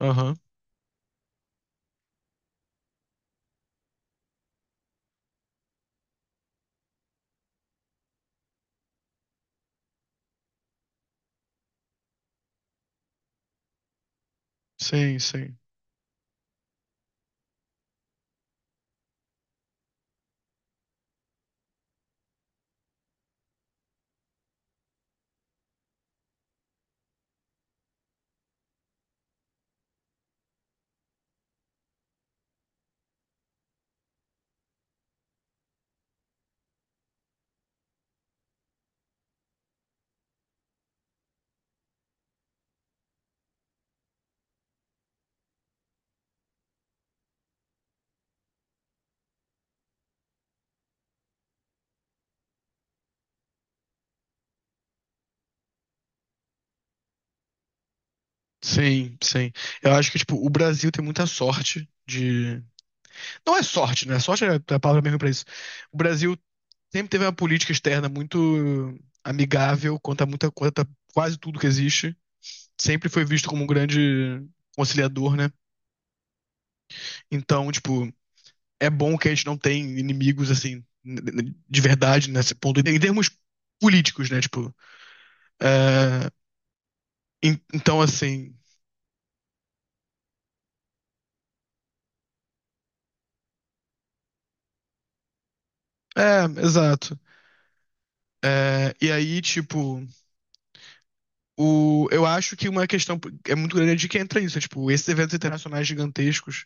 Aham. Sim, sim. Sim. Eu acho que, tipo, o Brasil tem muita sorte de. Não é sorte, né? Sorte é a palavra mesmo pra isso. O Brasil sempre teve uma política externa muito amigável quanto a muita coisa, quase tudo que existe. Sempre foi visto como um grande conciliador, né? Então, tipo, é bom que a gente não tem inimigos, assim, de verdade, nesse ponto. Em termos políticos, né? Tipo, é, então, assim. É, exato. É, e aí, tipo. Eu acho que uma questão é muito grande é de que entra isso. É, tipo, esses eventos internacionais gigantescos,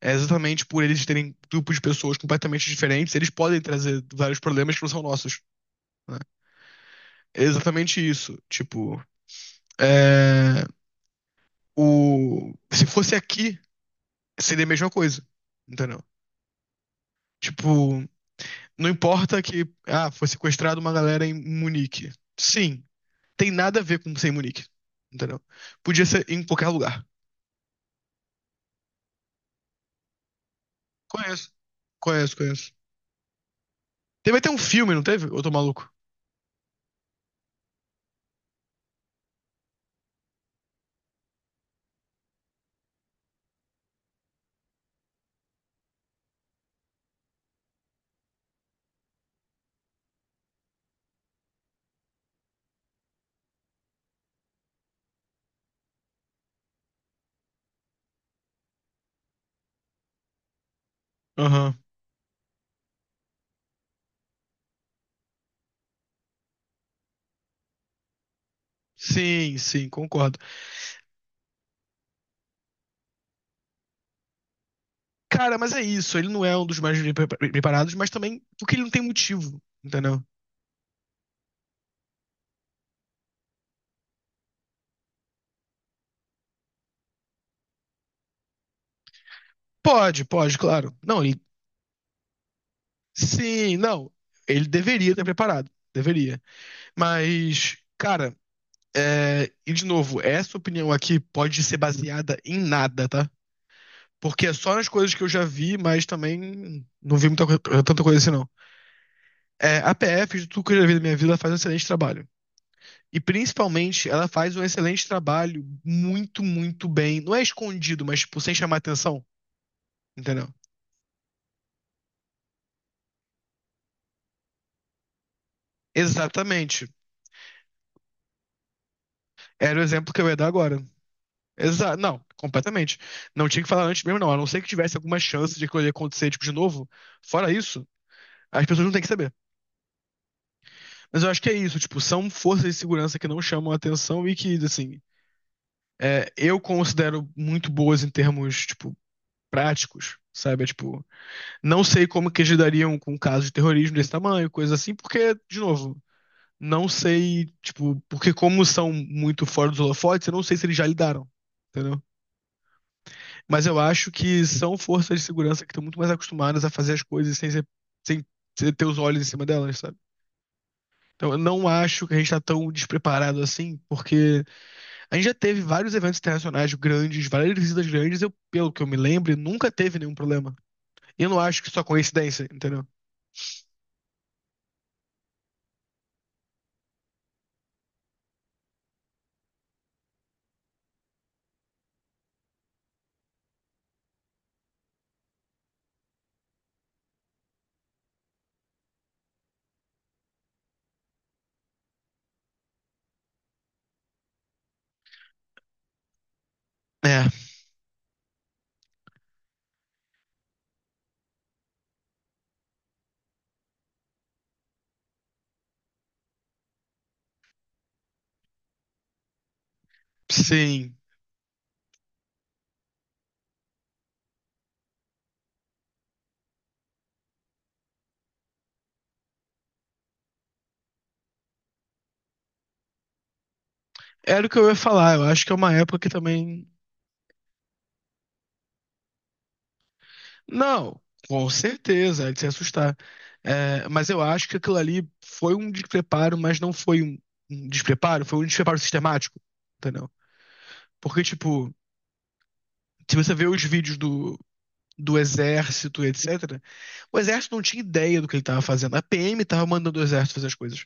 é exatamente por eles terem grupos de pessoas completamente diferentes, eles podem trazer vários problemas que não são nossos, né? É exatamente isso. Tipo, é, o, se fosse aqui, seria a mesma coisa. Entendeu? Tipo, não importa que, ah, foi sequestrado uma galera em Munique. Sim, tem nada a ver com ser em Munique. Entendeu? Podia ser em qualquer lugar. Conheço, conheço. Teve até um filme, não teve? Eu tô maluco. Aham. Sim, sim, concordo. Cara, mas é isso. Ele não é um dos mais bem preparados, mas também porque ele não tem motivo, entendeu? Pode, pode, claro. Não, ele. Sim, não. Ele deveria ter preparado. Deveria. Mas, cara, é... e de novo, essa opinião aqui pode ser baseada em nada, tá? Porque é só nas coisas que eu já vi, mas também não vi muita, tanta coisa assim, não. É, a PF, de tudo que eu já vi na minha vida, faz um excelente trabalho. E principalmente, ela faz um excelente trabalho, muito, muito bem. Não é escondido, mas tipo, sem chamar atenção, entendeu? Exatamente. Era o exemplo que eu ia dar agora. Exa não, completamente. Não tinha que falar antes mesmo, não. A não ser que tivesse alguma chance de aquilo acontecer, tipo, de novo. Fora isso, as pessoas não têm que saber. Mas eu acho que é isso, tipo, são forças de segurança que não chamam atenção e que, assim, é, eu considero muito boas em termos, tipo, práticos, sabe? É, tipo, não sei como que eles lidariam com um caso de terrorismo desse tamanho, coisa assim, porque, de novo, não sei, tipo, porque como são muito fora dos holofotes, eu não sei se eles já lidaram, entendeu? Mas eu acho que são forças de segurança que estão muito mais acostumadas a fazer as coisas sem ter os olhos em cima delas, sabe? Então eu não acho que a gente tá tão despreparado assim, porque a gente já teve vários eventos internacionais grandes, várias visitas grandes, eu, pelo que eu me lembro, nunca teve nenhum problema. E eu não acho que isso é coincidência, entendeu? É, sim. Era o que eu ia falar. Eu acho que é uma época que também. Não, com certeza, é de se assustar. É, mas eu acho que aquilo ali foi um despreparo, mas não foi um despreparo, foi um despreparo sistemático, entendeu? Porque, tipo, se você vê os vídeos do exército, etc., o exército não tinha ideia do que ele tava fazendo. A PM tava mandando o exército fazer as coisas,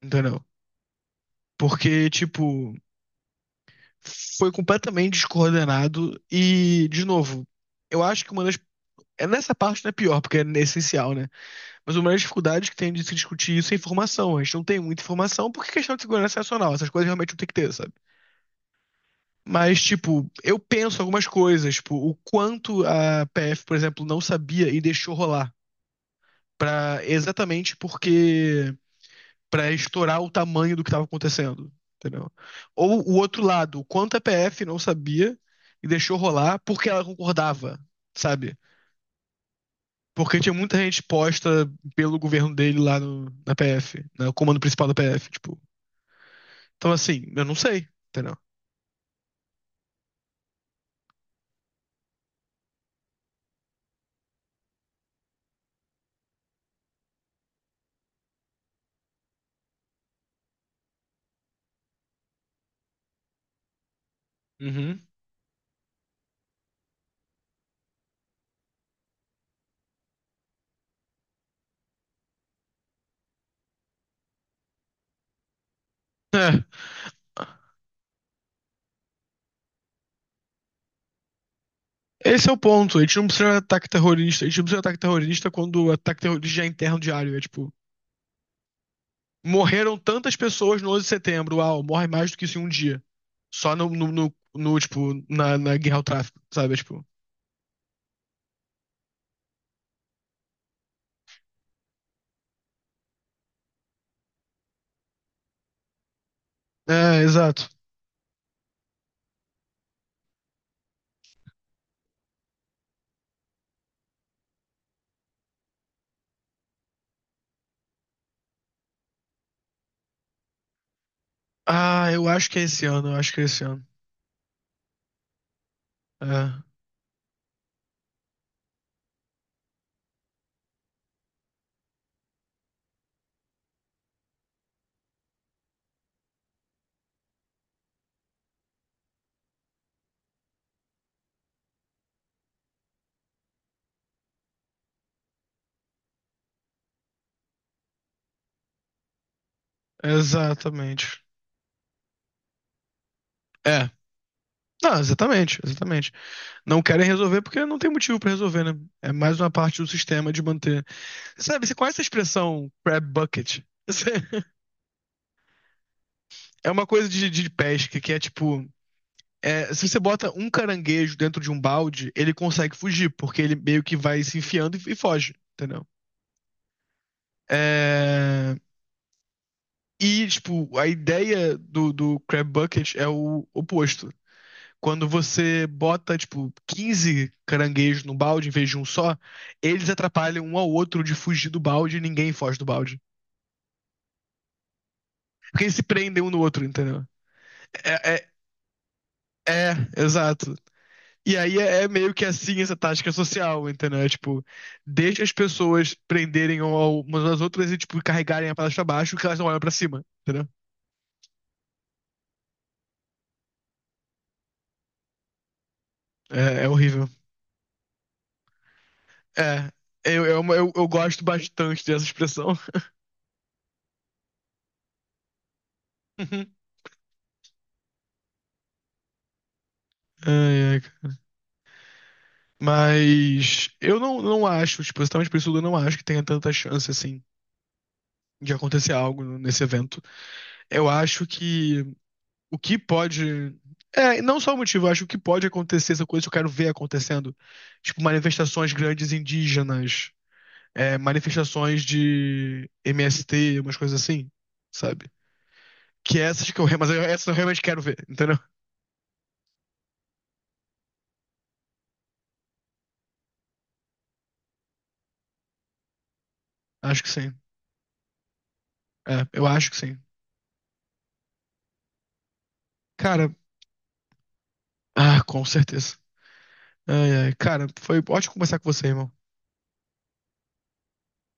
entendeu? Porque, tipo, foi completamente descoordenado e, de novo, eu acho que uma das é nessa parte não é pior, porque é essencial, né? Mas uma das dificuldades que tem de se discutir isso é informação. A gente não tem muita informação, porque é questão de segurança nacional, essas coisas realmente não tem que ter, sabe? Mas, tipo, eu penso algumas coisas, tipo, o quanto a PF, por exemplo, não sabia e deixou rolar. Pra, exatamente porque. Pra estourar o tamanho do que estava acontecendo, entendeu? Ou o outro lado, o quanto a PF não sabia e deixou rolar porque ela concordava, sabe? Porque tinha muita gente posta pelo governo dele lá na PF, no comando principal da PF, tipo. Então, assim, eu não sei, entendeu? Uhum. É. Esse é o ponto. A gente não precisa de ataque terrorista. A gente não precisa de ataque terrorista quando o ataque terrorista já é interno diário. É tipo. Morreram tantas pessoas no 11 de setembro. Uau, morre mais do que isso em um dia. Só no, no, no- no, tipo, na guerra ao tráfico, sabe? Tipo. É, exato. Ah, eu acho que é esse ano, eu acho que é esse ano. É, exatamente. É. Não, exatamente, exatamente. Não querem resolver porque não tem motivo pra resolver, né? É mais uma parte do sistema de manter. Sabe, você conhece a expressão crab bucket? É é uma coisa de pesca que é tipo. É, se você bota um caranguejo dentro de um balde, ele consegue fugir, porque ele meio que vai se enfiando e foge, entendeu? É, e, tipo, a ideia do Crab Bucket é o oposto. Quando você bota, tipo, 15 caranguejos no balde em vez de um só, eles atrapalham um ao outro de fugir do balde e ninguém foge do balde. Porque eles se prendem um no outro, entendeu? É, é exato. E aí é é meio que assim essa tática social, entendeu? É, tipo, deixa as pessoas prenderem umas às outras e, tipo, carregarem a palavra pra baixo que elas não olham pra cima, entendeu? É, é horrível. É, eu gosto bastante dessa expressão. Ai, ai, cara. Mas eu não acho, tipo, exatamente por isso eu não acho que tenha tanta chance, assim, de acontecer algo nesse evento. Eu acho que o que pode. É, não só o motivo, eu acho que o que pode acontecer, essa coisa que eu quero ver acontecendo. Tipo, manifestações grandes indígenas, é, manifestações de MST, umas coisas assim, sabe? Que essas que eu, re- mas eu- essas eu realmente quero ver, entendeu? Acho que sim. É, eu acho que sim. Cara, ah, com certeza. Ai, ai, cara, foi ótimo conversar com você, irmão.